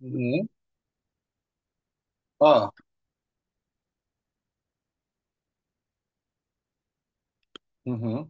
Hı hı. Aa. Hı hı.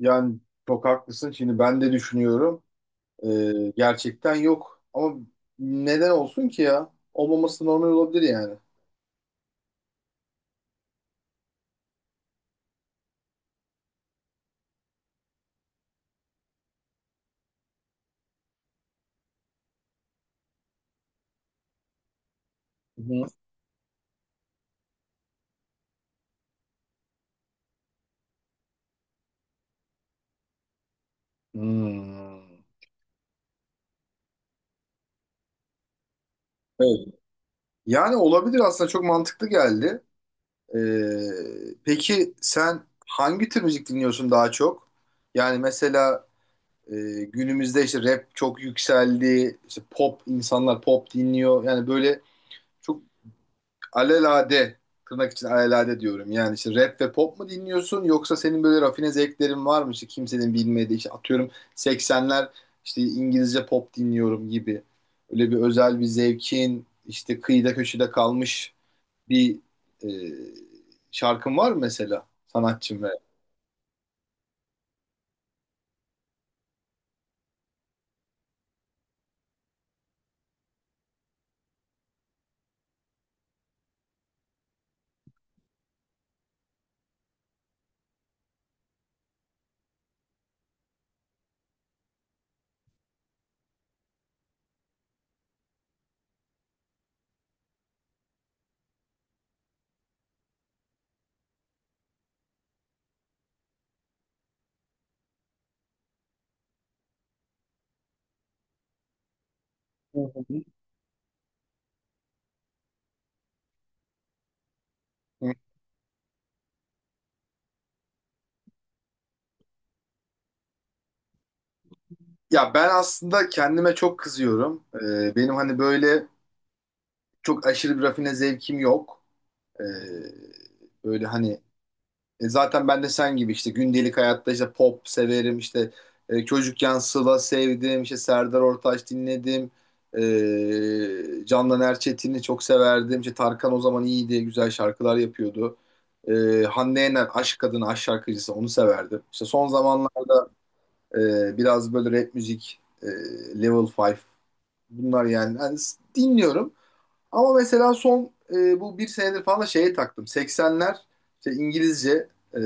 Yani çok haklısın. Şimdi ben de düşünüyorum. Gerçekten yok. Ama neden olsun ki ya? Olmaması normal olabilir yani. Hı hı. Hmm. Evet. Yani olabilir aslında çok mantıklı geldi. Peki sen hangi tür müzik dinliyorsun daha çok? Yani mesela günümüzde işte rap çok yükseldi. İşte pop insanlar pop dinliyor. Yani böyle çok alelade, tırnak için alelade diyorum. Yani işte rap ve pop mu dinliyorsun yoksa senin böyle rafine zevklerin var mı? İşte kimsenin bilmediği işte atıyorum 80'ler işte İngilizce pop dinliyorum gibi. Öyle bir özel bir zevkin işte kıyıda köşede kalmış bir e, şarkın var mı mesela, sanatçım ve... Hı hı. Hı. Ya ben aslında kendime çok kızıyorum. Benim hani böyle çok aşırı bir rafine zevkim yok. Ee, Böyle hani. Zaten ben de sen gibi işte gündelik hayatta işte pop severim, işte çocukken Sıla sevdim, işte Serdar Ortaç dinledim, Candan Erçetin'i çok severdim, işte Tarkan o zaman iyiydi, güzel şarkılar yapıyordu, e, Hande Yener Aşk Kadını Aşk şarkıcısı, onu severdim, işte son zamanlar biraz böyle rap müzik, Level 5, bunlar Yani dinliyorum. Ama mesela son bu bir senedir falan da şeye taktım. 80'ler, işte İngilizce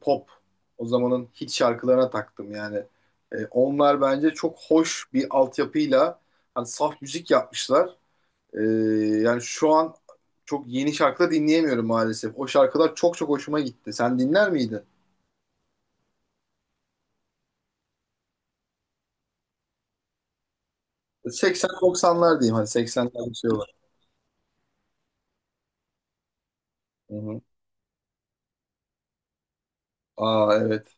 pop, o zamanın hit şarkılarına taktım yani. Onlar bence çok hoş bir altyapıyla, hani saf müzik yapmışlar. E, Yani şu an çok yeni şarkıda dinleyemiyorum maalesef. O şarkılar çok çok hoşuma gitti. Sen dinler miydin? 80-90'lar diyeyim, hani 80'ler bir şey var. Hı hı. Aa evet.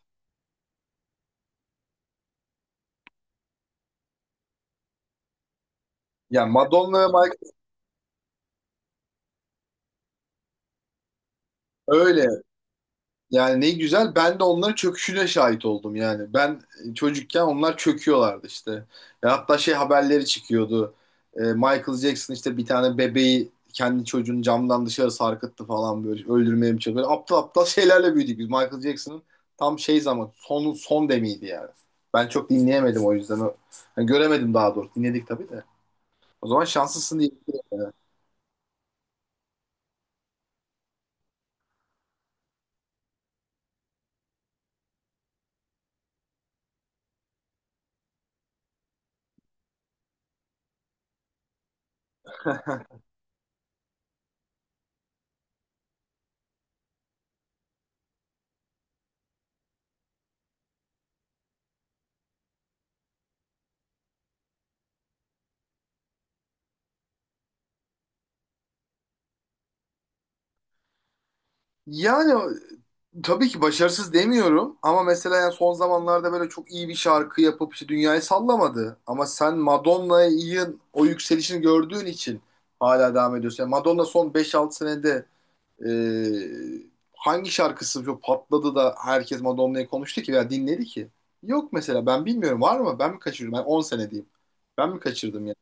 Ya Madonna ve Michael, öyle. Yani ne güzel, ben de onların çöküşüne şahit oldum yani. Ben çocukken onlar çöküyorlardı işte. Ya hatta şey haberleri çıkıyordu. Michael Jackson işte bir tane bebeği, kendi çocuğunu camdan dışarı sarkıttı falan, böyle öldürmeye mi çalışıyor. Böyle aptal aptal şeylerle büyüdük biz. Michael Jackson'ın tam şey zaman, son son demiydi yani. Ben çok dinleyemedim o yüzden. Yani göremedim daha doğrusu. Dinledik tabii de. O zaman şanslısın diye. Yani. Tabii ki başarısız demiyorum ama mesela yani son zamanlarda böyle çok iyi bir şarkı yapıp işte dünyayı sallamadı. Ama sen Madonna'yı, o yükselişini gördüğün için hala devam ediyorsun. Yani Madonna son beş 6 senede e, hangi şarkısı çok patladı da herkes Madonna'yı konuştu ki veya dinledi ki? Yok mesela, ben bilmiyorum, var mı? Ben mi kaçırıyorum? Ben 10 sene diyeyim. Ben mi kaçırdım yani?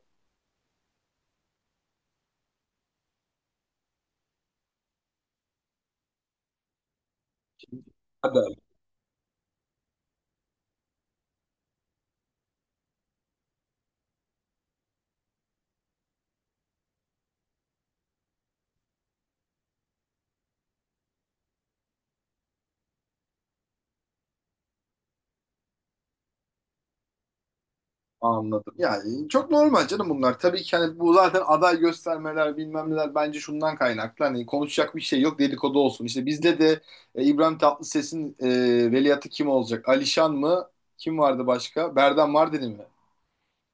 Anladım. Yani çok normal canım bunlar. Tabii ki hani bu zaten aday göstermeler bilmem neler bence şundan kaynaklı. Hani konuşacak bir şey yok, dedikodu olsun. İşte bizde de İbrahim Tatlıses'in veliahtı kim olacak? Alişan mı? Kim vardı başka? Berdan Mardini mi?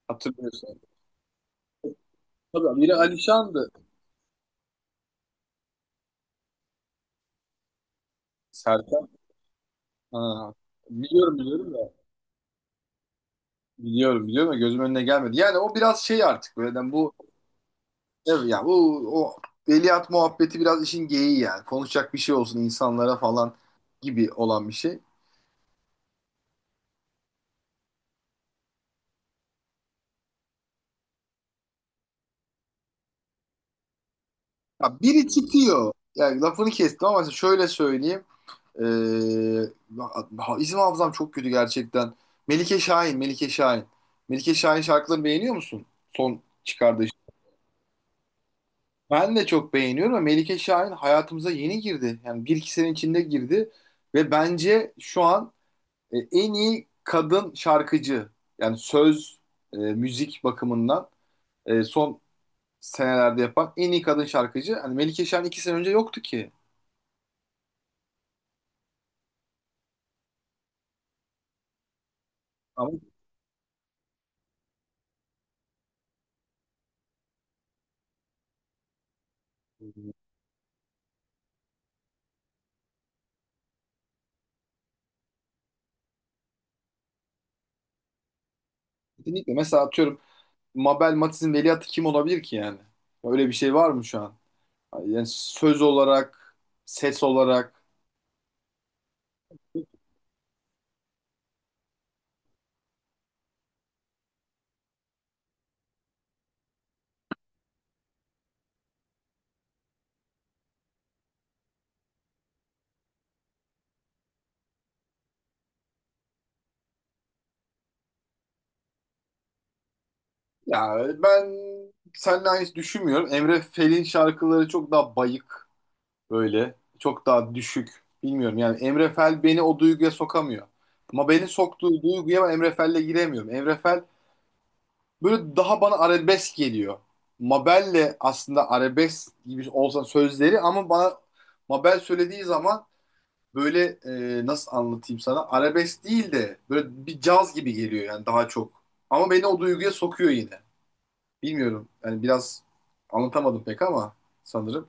Hatırlıyorsun. Tabii, biri Alişan'dı. Serkan. Ha. Biliyorum biliyorum da. Biliyorum biliyorum da, gözümün önüne gelmedi. Yani o biraz şey artık, böyle. Yani bu. Evet ya, bu o veliaht muhabbeti biraz işin geyiği yani. Konuşacak bir şey olsun insanlara falan gibi olan bir şey. Ya biri çıkıyor. Yani lafını kestim ama şöyle söyleyeyim. Ee, isim hafızam çok kötü gerçekten. Melike Şahin, Melike Şahin. Melike Şahin şarkılarını beğeniyor musun? Son çıkardığı şey. Ben de çok beğeniyorum ama Melike Şahin hayatımıza yeni girdi. Yani bir iki sene içinde girdi ve bence şu an en iyi kadın şarkıcı, yani söz, müzik bakımından son senelerde yapan en iyi kadın şarkıcı. Hani Melike Şahin 2 sene önce yoktu ki. Ama kesinlikle. Mesela atıyorum, Mabel Matiz'in veliahtı kim olabilir ki yani? Öyle bir şey var mı şu an? Yani söz olarak, ses olarak. Ya ben seninle aynı düşünmüyorum. Emre Fel'in şarkıları çok daha bayık. Böyle çok daha düşük. Bilmiyorum yani, Emre Fel beni o duyguya sokamıyor. Ama beni soktuğu duyguya ben Emre Fel'le giremiyorum. Emre Fel böyle daha bana arabesk geliyor. Mabel'le aslında arabesk gibi olsa sözleri, ama bana Mabel söylediği zaman böyle, nasıl anlatayım sana, arabesk değil de böyle bir caz gibi geliyor yani, daha çok. Ama beni o duyguya sokuyor yine. Bilmiyorum yani, biraz anlatamadım pek ama, sanırım.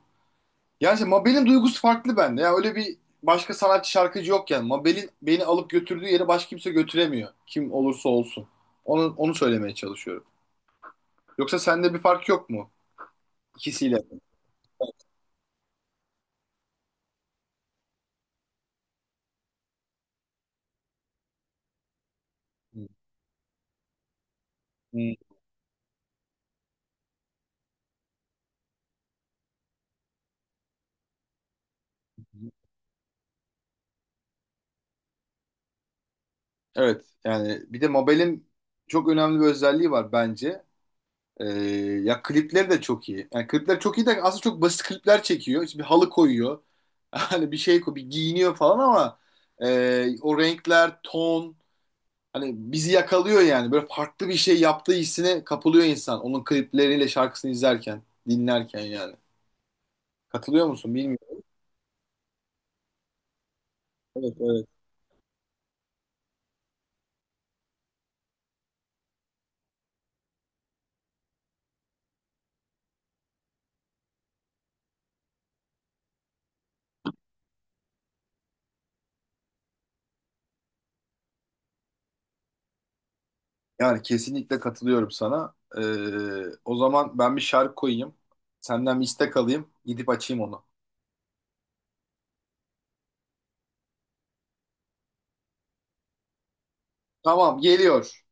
Yani işte Mabel'in duygusu farklı bende. Yani öyle bir başka sanatçı, şarkıcı yok yani. Mabel'in beni alıp götürdüğü yere başka kimse götüremiyor. Kim olursa olsun. Onu söylemeye çalışıyorum. Yoksa sende bir fark yok mu? İkisiyle. Hı. Evet yani bir de Mabel'in çok önemli bir özelliği var bence. Ee, Ya klipleri de çok iyi. Yani klipler çok iyi de aslında çok basit klipler çekiyor. İşte bir halı koyuyor. Hani bir şey koyuyor, bir giyiniyor falan ama o renkler, ton, hani bizi yakalıyor yani. Böyle farklı bir şey yaptığı hissine kapılıyor insan. Onun klipleriyle şarkısını izlerken, dinlerken yani. Katılıyor musun bilmiyorum. Evet, evet. Yani kesinlikle katılıyorum sana. O zaman ben bir şarkı koyayım. Senden bir istek alayım. Gidip açayım onu. Tamam, geliyor.